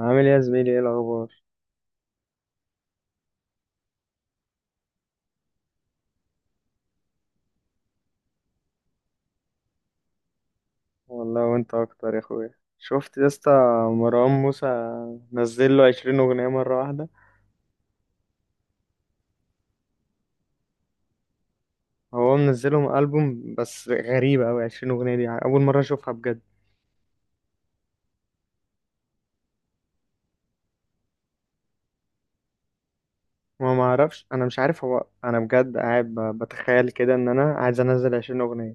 عامل ايه يا زميلي؟ ايه الاخبار؟ والله وانت اكتر يا اخويا. شفت يا اسطى؟ مروان موسى نزل له 20 اغنيه مره واحده. هو منزلهم البوم بس غريبه قوي، 20 اغنيه دي اول مره اشوفها بجد. ما اعرفش، انا مش عارف، هو انا بجد قاعد بتخيل كده ان انا عايز انزل 20 اغنيه.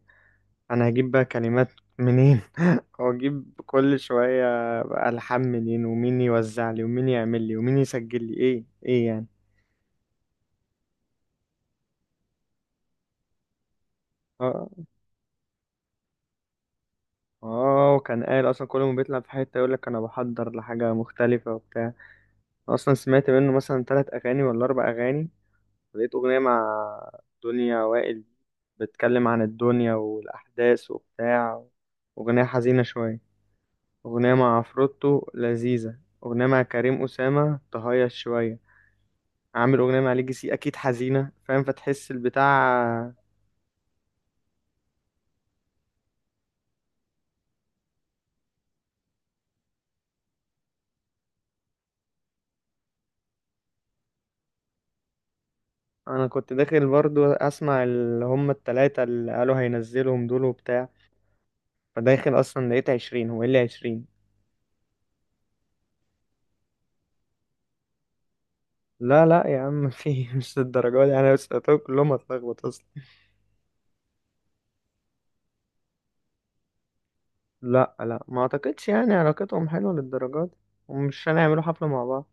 انا هجيب بقى كلمات منين؟ هو اجيب كل شويه بقى الحان منين، ومين يوزع لي، ومين يعمل لي، ومين يسجل لي، ايه يعني؟ آه. اه، وكان قال اصلا كل ما بيطلع في حته يقول لك انا بحضر لحاجه مختلفه وبتاع. أنا اصلا سمعت منه مثلا 3 اغاني ولا 4 اغاني. لقيت اغنيه مع دنيا وائل بتتكلم عن الدنيا والاحداث وبتاع، اغنيه حزينه شويه، اغنيه مع عفروتو لذيذه، اغنيه مع كريم اسامه تهيص شويه. عامل اغنيه مع ليجي سي اكيد حزينه، فاهم؟ فتحس البتاع. انا كنت داخل برضو اسمع اللي هم الـ3 اللي قالوا هينزلهم دول وبتاع، فداخل اصلا لقيت 20. هو ايه اللي 20؟ لا لا يا عم، في مش الدرجات دي، انا سألتهم كلهم هتلخبط اصلا. لا لا، ما اعتقدش يعني علاقتهم حلوه للدرجات دي، ومش هنعملوا حفله مع بعض.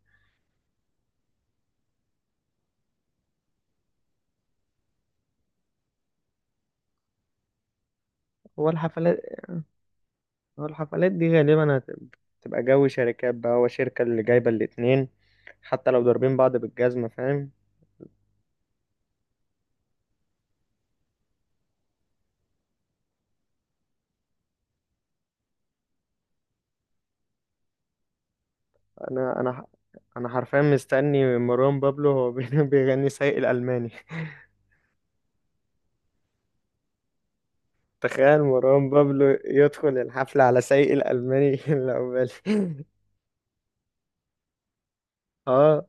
هو الحفلات، هو الحفلات دي غالبا هتبقى تبقى جو شركات بقى، هو شركه اللي جايبه الاتنين، حتى لو ضاربين بعض بالجزمه، فاهم؟ انا انا ح- انا حرفيا مستني مروان بابلو هو بيغني سايق الالماني تخيل مروان بابلو يدخل الحفله على سايق الالماني اللي عقبالي. اه،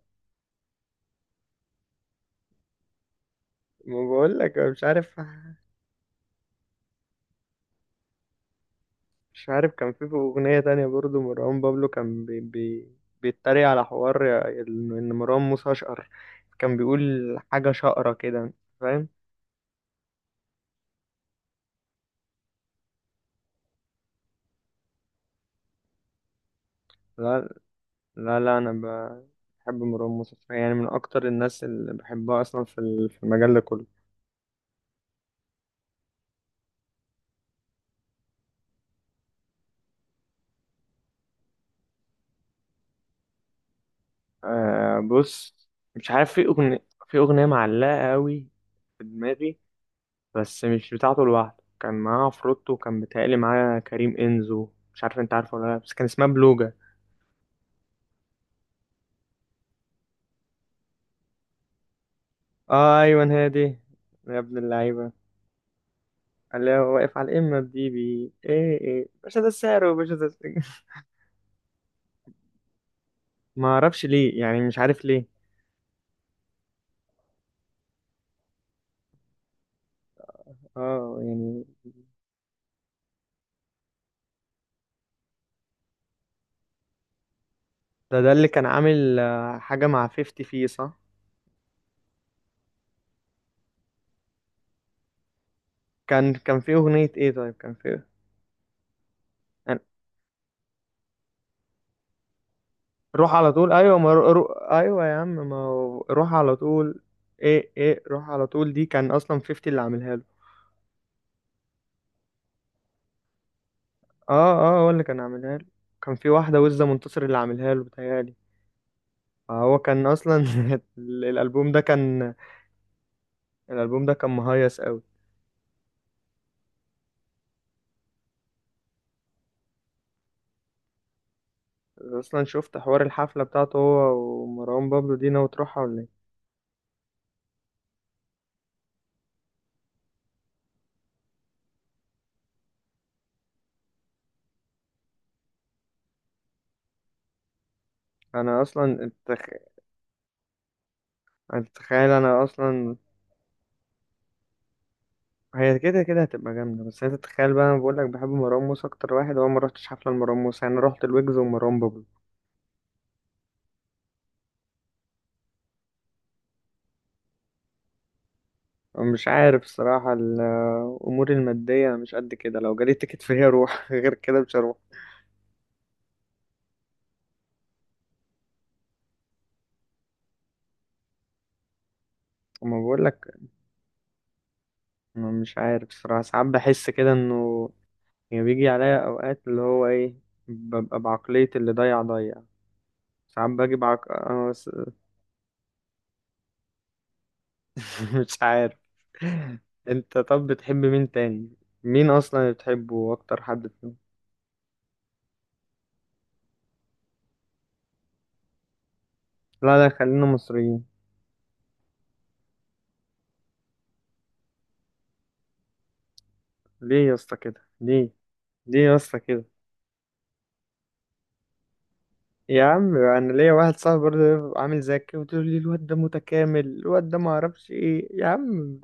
ما بقول لك مش عارف. مش عارف، كان في اغنيه تانية برضو مروان بابلو كان بي بي بيتريق على حوار إن مروان موسى اشقر، كان بيقول حاجه شقره كده، فاهم؟ لا لا لا، انا بحب مروان موسى يعني، من اكتر الناس اللي بحبها اصلا في المجال ده كله. آه بص، مش عارف، في اغنيه معلقه قوي في دماغي، بس مش بتاعته لوحده، كان معاه عفروتو وكان متهيألي معاه كريم إنزو، مش عارف انت عارفه ولا لا، بس كان اسمها بلوجا. آه، ايوه، هادي، يا ابن اللعيبة. قال لي هو واقف على الإمة بدي بي ايه ايه باشا ده السعر وباشا ده السعر. ما اعرفش ليه يعني، مش عارف ليه. اه يعني. ده اللي كان عامل آه، حاجة مع 50 فيه، صح؟ كان في أغنية ايه طيب؟ كان في إيه؟ يعني روح على طول، ايوه، ما رو... رو... ايوه يا عم، ما هو روح على طول. ايه ايه، روح على طول دي كان اصلا 50 اللي عاملها له. اه، اه هو اللي كان عاملها له، كان في واحدة وزة منتصر اللي عاملها له بتهيألي. فهو كان أصلا الألبوم ده كان، الألبوم ده كان مهيص أوي. أصلا شفت حوار الحفلة بتاعته هو ومروان بابلو دي؟ ناوي تروحها ولا إيه؟ أنا أصلا التخ... أنا تتخيل، أنا أصلا هي كده كده هتبقى جامدة، بس أنت تتخيل بقى، أنا بقولك بحب مروان موسى أكتر واحد، هو ما رحتش حفلة لمروان موسى، أنا رحت الويجز ومروان بابلو. مش عارف الصراحة، الأمور المادية مش قد كده، لو جالي تيكت فهي أروح غير كده مش هروح. أما بقولك، أنا مش عارف الصراحة، ساعات بحس كده إنه يعني بيجي عليا أوقات اللي هو إيه، ببقى بعقلية اللي ضيع ضيع. ساعات باجي بعق... أنا بس- مش عارف. أنت طب بتحب مين تاني؟ مين أصلا اللي بتحبه أكتر حد فيهم؟ لا لا، خلينا مصريين. ليه يا اسطى كده؟ ليه؟ ليه يا اسطى كده؟ يا عم، أنا ليا واحد صاحبي برضه عامل زيك كده وتقول لي الواد ده متكامل، الواد ده معرفش إيه يا عم.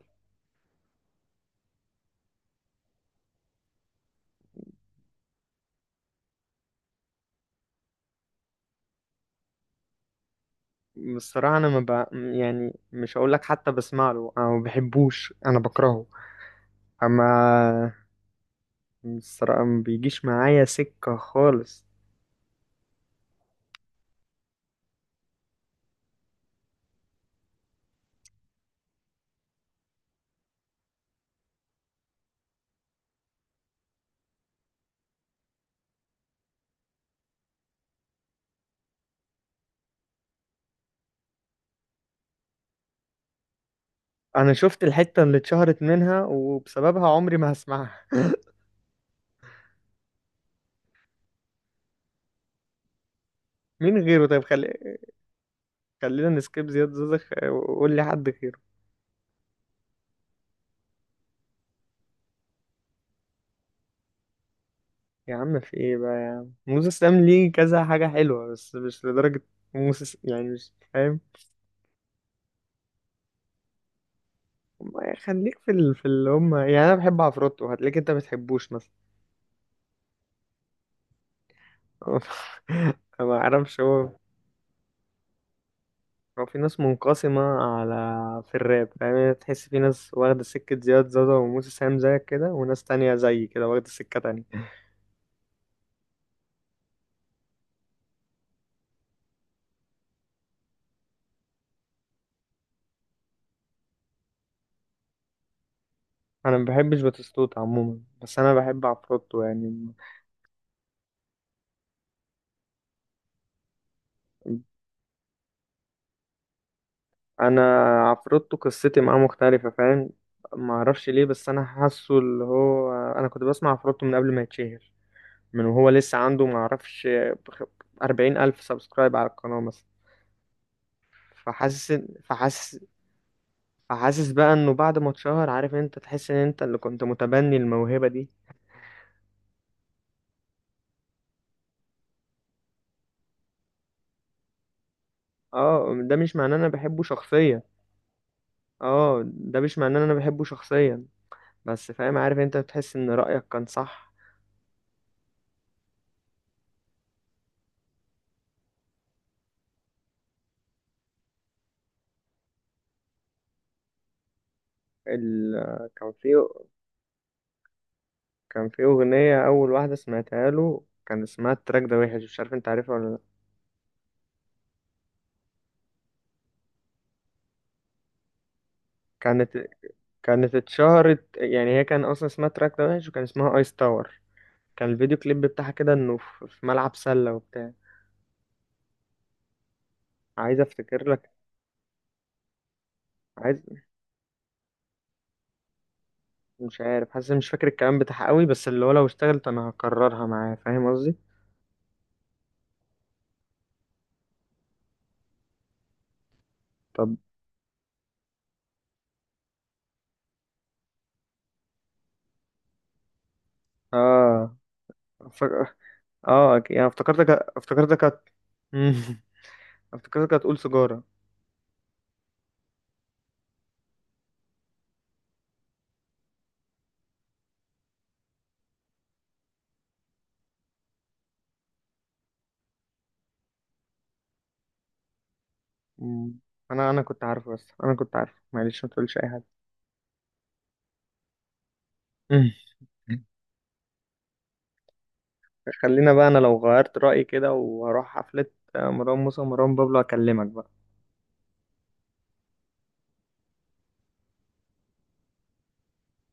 بصراحة أنا ما ب... يعني مش هقول لك حتى بسمع له، أنا ما بحبوش، أنا بكرهه. أما بصراحة ما بيجيش معايا سكة خالص. أنا شفت الحتة اللي اتشهرت منها وبسببها، عمري ما هسمعها. مين غيره طيب؟ خلينا نسكيب زياد زوزخ وقول لي حد غيره. يا عم في إيه بقى يا عم، موسى سام ليه كذا حاجة حلوة بس مش لدرجة. يعني مش فاهم. ما خليك في اللي هم، يعني أنا بحب عفروتو، هتلاقيك أنت ما بتحبوش مثلا. ما اعرفش هو، هو في ناس منقسمة على، في الراب يعني، تحس في ناس واخدة سكة زياد زازا وموسى سام زيك كده، وناس تانية زي كده واخدة سكة تانية. انا ما بحبش باتيستوتا عموما، بس انا بحب عفروتو يعني. انا عفروتو قصتي معاه مختلفة، فاهم؟ ما اعرفش ليه، بس انا حاسه اللي هو انا كنت بسمع عفروتو من قبل ما يتشهر، من وهو لسه عنده ما اعرفش 40,000 سبسكرايب على القناة مثلا، فحاسس، فحاسس حاسس بقى انه بعد ما اتشهر، عارف، انت تحس ان انت اللي كنت متبني الموهبة دي. اه، ده مش معناه ان انا بحبه شخصيا. اه ده مش معناه ان انا بحبه شخصيا، بس فاهم، عارف، انت تحس ان رأيك كان صح. ال... كان في، كان في اغنية اول واحدة سمعتها له كان اسمها التراك ده وحش، مش عارف انت عارفها ولا لا؟ كانت كانت اتشهرت يعني، هي كان اصلا اسمها التراك ده وحش وكان اسمها ايس تاور. كان الفيديو كليب بتاعها كده انه في في ملعب سلة وبتاع. عايز افتكر لك. عايز مش عارف، حاسس مش فاكر الكلام بتاعها قوي، بس اللي هو لو اشتغلت انا هكررها معاه، فاهم قصدي؟ طب اه، فك... اه، يعني افتكرتك. افتكرتك هت... مم. افتكرتك هتقول سيجارة. مم. انا كنت عارفه، بس انا كنت عارفه، معلش ما تقولش اي حاجة. مم. خلينا بقى، انا لو غيرت رأيي كده وهروح حفلة آه، مروان موسى ومروان بابلو، اكلمك بقى.